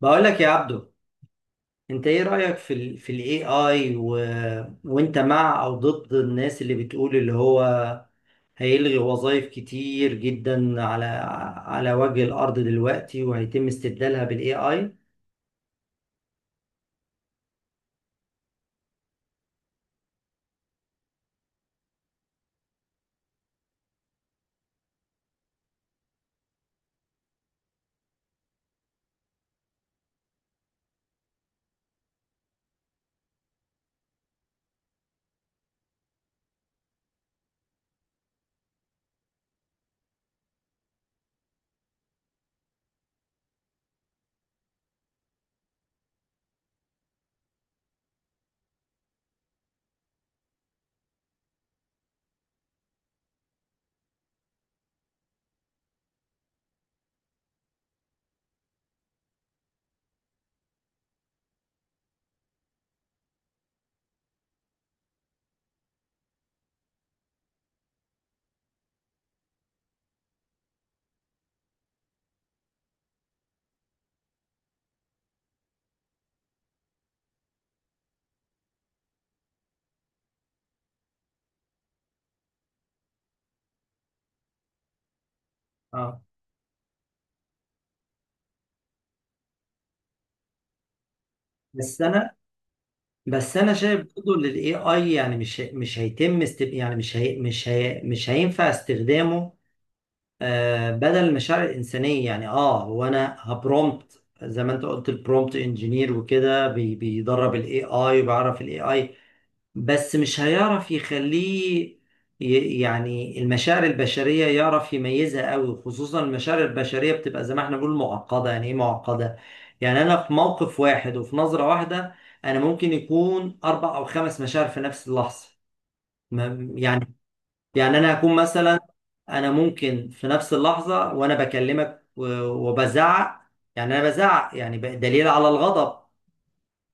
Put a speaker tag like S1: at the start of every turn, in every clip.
S1: بقول لك يا عبدو، انت ايه رأيك في الاي اي وانت مع او ضد الناس اللي بتقول اللي هو هيلغي وظائف كتير جدا على وجه الارض دلوقتي وهيتم استبدالها بالاي اي؟ اه بس انا بس انا شايف برضه ان الاي اي، يعني مش يعني مش هينفع استخدامه آه، بدل المشاعر الإنسانية. يعني هو انا هبرومبت زي ما انت قلت، البرومبت انجينير، وكده بيدرب الاي اي وبيعرف الاي اي، بس مش هيعرف يخليه، يعني المشاعر البشرية يعرف يميزها قوي. خصوصا المشاعر البشرية بتبقى زي ما احنا بنقول معقدة. يعني ايه معقدة؟ يعني انا في موقف واحد وفي نظرة واحدة انا ممكن يكون اربع او خمس مشاعر في نفس اللحظة. يعني، انا هكون مثلا، انا ممكن في نفس اللحظه وانا بكلمك وبزعق. يعني انا بزعق، يعني دليل على الغضب،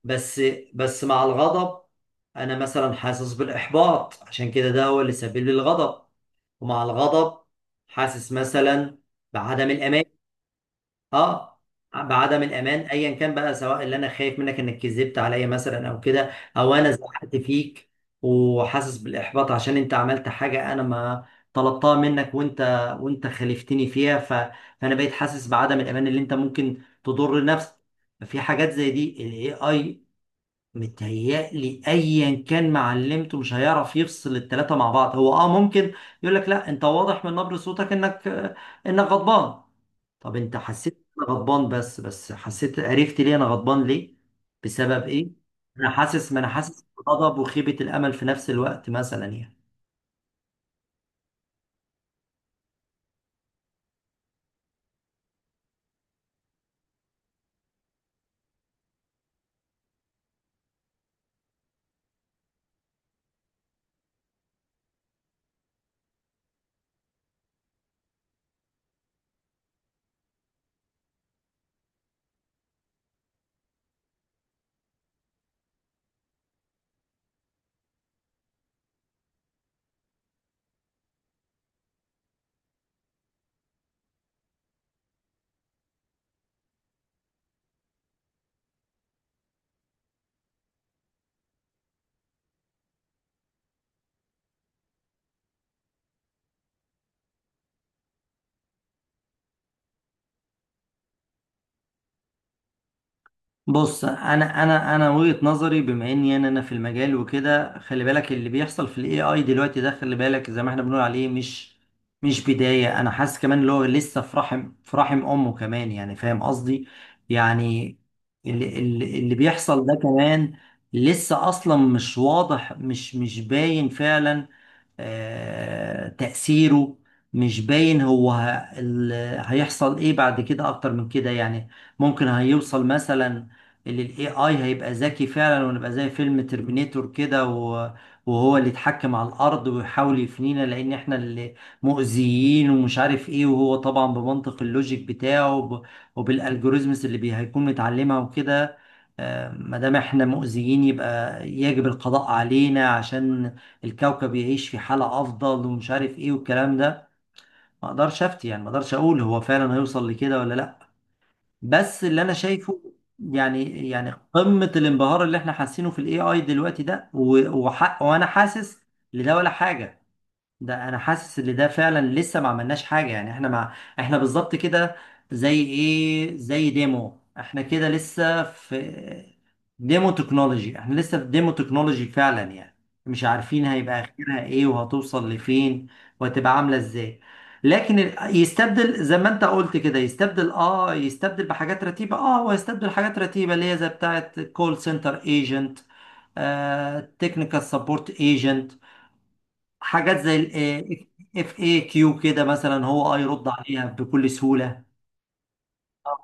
S1: بس مع الغضب انا مثلا حاسس بالاحباط، عشان كده ده هو اللي سبب لي الغضب. ومع الغضب حاسس مثلا بعدم الامان، اه بعدم الامان، ايا كان بقى، سواء اللي انا خايف منك انك كذبت عليا مثلا او كده، او انا زعلت فيك. وحاسس بالاحباط عشان انت عملت حاجه انا ما طلبتها منك، وانت خالفتني فيها. فانا بقيت حاسس بعدم الامان اللي انت ممكن تضر نفسك. في حاجات زي دي، الاي اي متهيألي ايا كان معلمته مش هيعرف يفصل التلاتة مع بعض. هو اه ممكن يقول لك لا، انت واضح من نبرة صوتك انك غضبان. طب انت حسيت إن انا غضبان، بس حسيت، عرفت ليه انا غضبان، ليه؟ بسبب ايه؟ انا حاسس، ما انا حاسس بغضب وخيبة الامل في نفس الوقت مثلا، يعني. بص، انا وجهة نظري، بما اني انا في المجال وكده، خلي بالك اللي بيحصل في الاي اي دلوقتي ده، خلي بالك زي ما احنا بنقول عليه، مش بداية. انا حاسس كمان اللي هو لسه في رحم، في رحم امه كمان، يعني فاهم قصدي؟ يعني اللي بيحصل ده كمان لسه اصلا مش واضح، مش باين فعلا. آه، تأثيره مش باين. هو ال- هيحصل ايه بعد كده اكتر من كده، يعني؟ ممكن هيوصل مثلا اللي الاي اي هيبقى ذكي فعلا ونبقى زي فيلم ترمينيتور كده، وهو اللي يتحكم على الارض ويحاول يفنينا لان احنا اللي مؤذيين ومش عارف ايه. وهو طبعا بمنطق اللوجيك بتاعه وبالالجوريزمز اللي هيكون متعلمها وكده. آه، ما دام احنا مؤذيين يبقى يجب القضاء علينا عشان الكوكب يعيش في حالة أفضل، ومش عارف إيه والكلام ده. ما أقدرش أفتي، يعني ما أقدرش أقول هو فعلا هيوصل لكده ولا لأ. بس اللي أنا شايفه، يعني قمة الانبهار اللي إحنا حاسينه في ال AI دلوقتي ده وحق، وأنا حاسس لده ولا حاجة. ده انا حاسس ان ده فعلا لسه ما عملناش حاجه، يعني احنا، مع احنا بالظبط كده، زي ايه، زي ديمو، احنا كده لسه في ديمو تكنولوجي، احنا لسه في ديمو تكنولوجي فعلا، يعني مش عارفين هيبقى اخرها ايه وهتوصل لفين وهتبقى عامله ازاي. لكن يستبدل زي ما انت قلت كده، يستبدل، اه يستبدل بحاجات رتيبه، اه هو يستبدل حاجات رتيبه اللي هي زي بتاعه كول سنتر ايجنت، تكنيكال سبورت ايجنت، حاجات زي اف اي كيو كده مثلا، هو اه يرد عليها بكل سهولة. آه.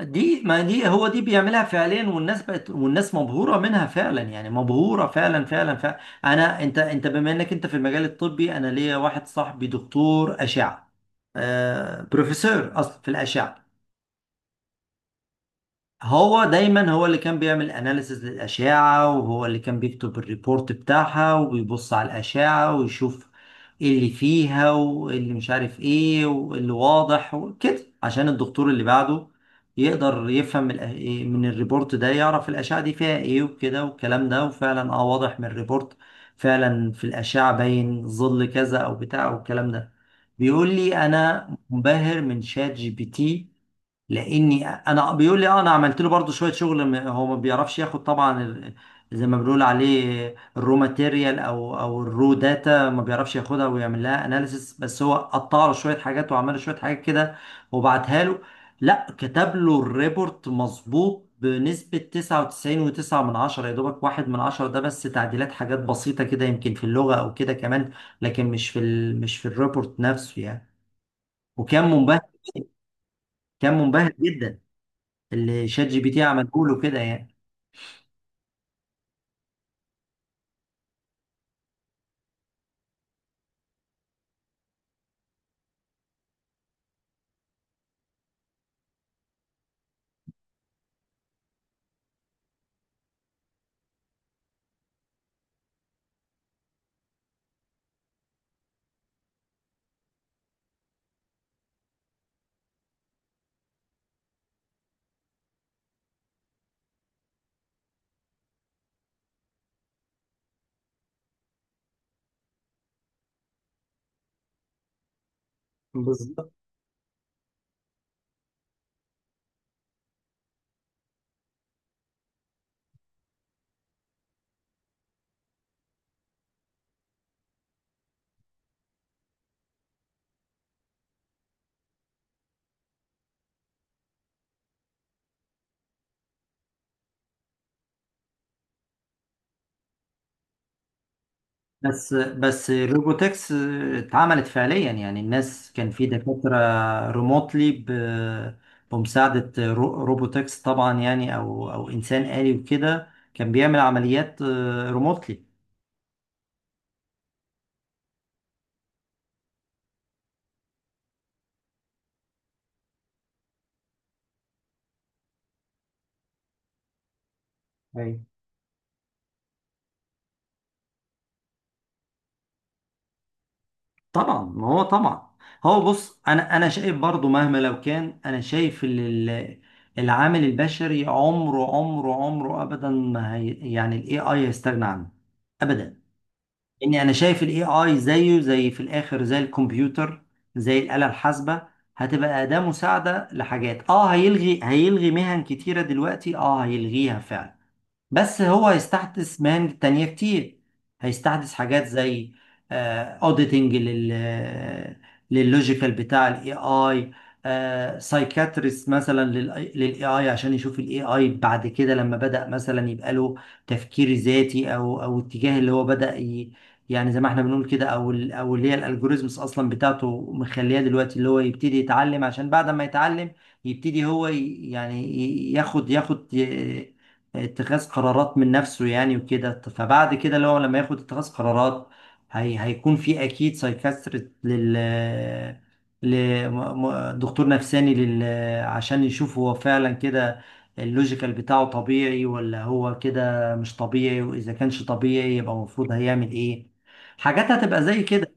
S1: آه. دي، ما دي هو دي بيعملها فعليا. والناس بقت، والناس مبهورة منها فعلا، يعني مبهورة فعلا فعلا فعلا. انا، انت بما انك انت في المجال الطبي، انا ليا واحد صاحبي دكتور أشعة، آه بروفيسور اصلا في الأشعة. هو دايما هو اللي كان بيعمل اناليسز للأشعة، وهو اللي كان بيكتب الريبورت بتاعها وبيبص على الأشعة ويشوف ايه اللي فيها وايه اللي مش عارف ايه واللي واضح وكده، عشان الدكتور اللي بعده يقدر يفهم إيه من الريبورت ده، يعرف الأشعة دي فيها ايه وكده والكلام ده. وفعلا اه واضح من الريبورت فعلا في الأشعة باين ظل كذا او بتاع والكلام ده. بيقول لي انا منبهر من شات جي بي تي، لاني انا، بيقول لي اه انا عملت له برضو شويه شغل، هو ما بيعرفش ياخد طبعا زي ما بنقول عليه الرو ماتيريال، او الرو داتا، ما بيعرفش ياخدها ويعمل لها اناليسيس، بس هو قطع له شويه حاجات وعمل له شويه حاجات كده وبعتها له. لا، كتب له الريبورت مظبوط بنسبه 99.9 من عشرة، يا دوبك واحد من عشرة ده بس، تعديلات حاجات بسيطه كده، يمكن في اللغه او كده كمان، لكن مش في الريبورت نفسه يعني. وكان منبهر، كان منبهر اللي شات جي بي تي عمله له كده يعني. بالظبط. بس الروبوتكس اتعملت فعليا، يعني الناس كان في دكاترة ريموتلي بمساعدة روبوتكس طبعا يعني، او انسان آلي وكده، كان بيعمل عمليات ريموتلي. ايوه طبعا، ما هو طبعا. هو بص، انا شايف برضو مهما لو كان، انا شايف العامل البشري، عمره ابدا ما هي، يعني الاي اي هيستغنى عنه ابدا. اني انا شايف الاي اي زيه زي في الاخر زي الكمبيوتر، زي الآلة الحاسبة، هتبقى أداة مساعدة لحاجات. اه هيلغي مهن كتيرة دلوقتي، اه هيلغيها فعلا، بس هو هيستحدث مهن تانية كتير. هيستحدث حاجات زي اوديتنج لللوجيكال بتاع الاي اي، سايكاتريست مثلا للاي اي عشان يشوف الاي اي بعد كده، لما بدأ مثلا يبقى له تفكير ذاتي او اتجاه اللي هو بدأ يعني زي ما احنا بنقول كده، او او اللي هي الالجوريزمز اصلا بتاعته مخليه دلوقتي اللي هو يبتدي يتعلم، عشان بعد ما يتعلم يبتدي هو يعني ياخد اتخاذ قرارات من نفسه يعني وكده. فبعد كده اللي هو لما ياخد اتخاذ قرارات، هي هيكون في اكيد سايكاستريت لل ل- م- م- دكتور نفساني لل، عشان يشوف هو فعلا كده اللوجيكال بتاعه طبيعي ولا هو كده مش طبيعي، واذا كانش طبيعي يبقى المفروض هيعمل ايه. حاجات هتبقى زي كده.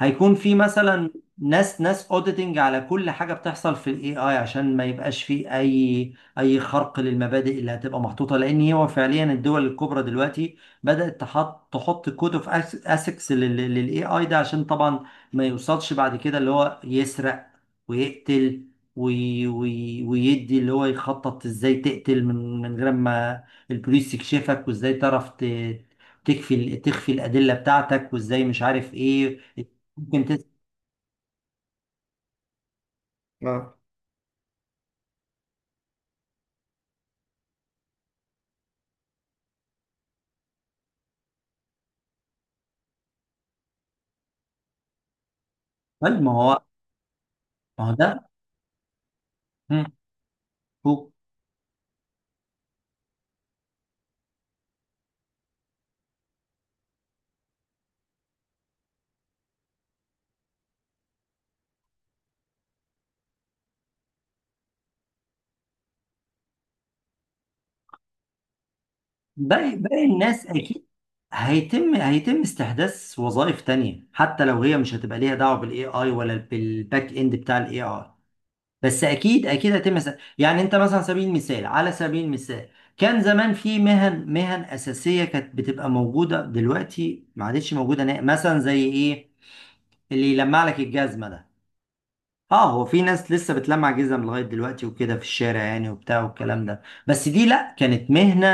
S1: هيكون في مثلا ناس اوديتنج على كل حاجه بتحصل في الاي اي، عشان ما يبقاش في اي اي خرق للمبادئ اللي هتبقى محطوطه. لان هو فعليا الدول الكبرى دلوقتي بدات تحط كود اوف اسكس للاي اي ده، عشان طبعا ما يوصلش بعد كده اللي هو يسرق ويقتل، وي وي ويدي اللي هو يخطط ازاي تقتل من غير ما البوليس يكشفك، وازاي تعرف تكفي تخفي الادله بتاعتك، وازاي مش عارف ايه. ممكن تسأل. اه طيب، ما هو ده. مم. هو باقي الناس اكيد هيتم استحداث وظائف تانية، حتى لو هي مش هتبقى ليها دعوة بالاي اي ولا بالباك اند بتاع الاي اي. بس اكيد يعني انت مثلا، على سبيل المثال، كان زمان في مهن اساسيه كانت بتبقى موجوده، دلوقتي ما عادتش موجوده نهائي. مثلا زي ايه؟ اللي يلمع لك الجزمه ده. اه هو في ناس لسه بتلمع جزم لغاية دلوقتي وكده في الشارع يعني وبتاع والكلام ده، بس دي لا، كانت مهنة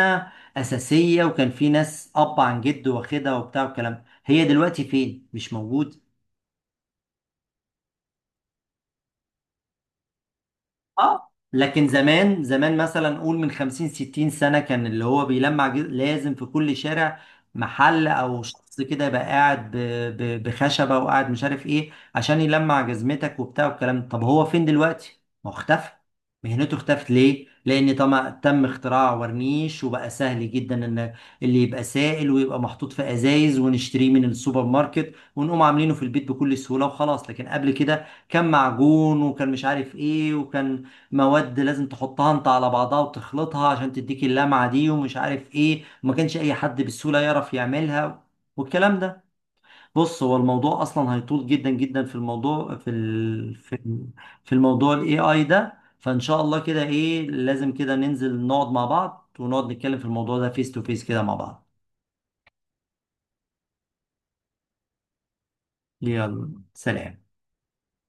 S1: أساسية وكان في ناس أب عن جد واخدها وبتاع والكلام ده. هي دلوقتي فين؟ مش موجود. اه لكن زمان زمان مثلا، قول من 50 60 سنة، كان اللي هو لازم في كل شارع محل او شخص كده يبقى قاعد بخشبة وقاعد مش عارف ايه عشان يلمع جزمتك وبتاع والكلام ده. طب هو فين دلوقتي؟ ما هو اختفى. مهنته اختفت ليه؟ لأن طبعا تم اختراع ورنيش، وبقى سهل جدا ان اللي يبقى سائل ويبقى محطوط في ازايز ونشتريه من السوبر ماركت ونقوم عاملينه في البيت بكل سهولة وخلاص. لكن قبل كده كان معجون وكان مش عارف ايه، وكان مواد لازم تحطها انت على بعضها وتخلطها عشان تديك اللمعة دي ومش عارف ايه، وما كانش اي حد بالسهولة يعرف يعملها والكلام ده. بص هو الموضوع اصلا هيطول جدا جدا، في الموضوع، في في الموضوع الاي اي ده، فان شاء الله كده، ايه، لازم كده ننزل نقعد مع بعض ونقعد نتكلم في الموضوع ده فيس تو فيس كده مع بعض. يلا سلام.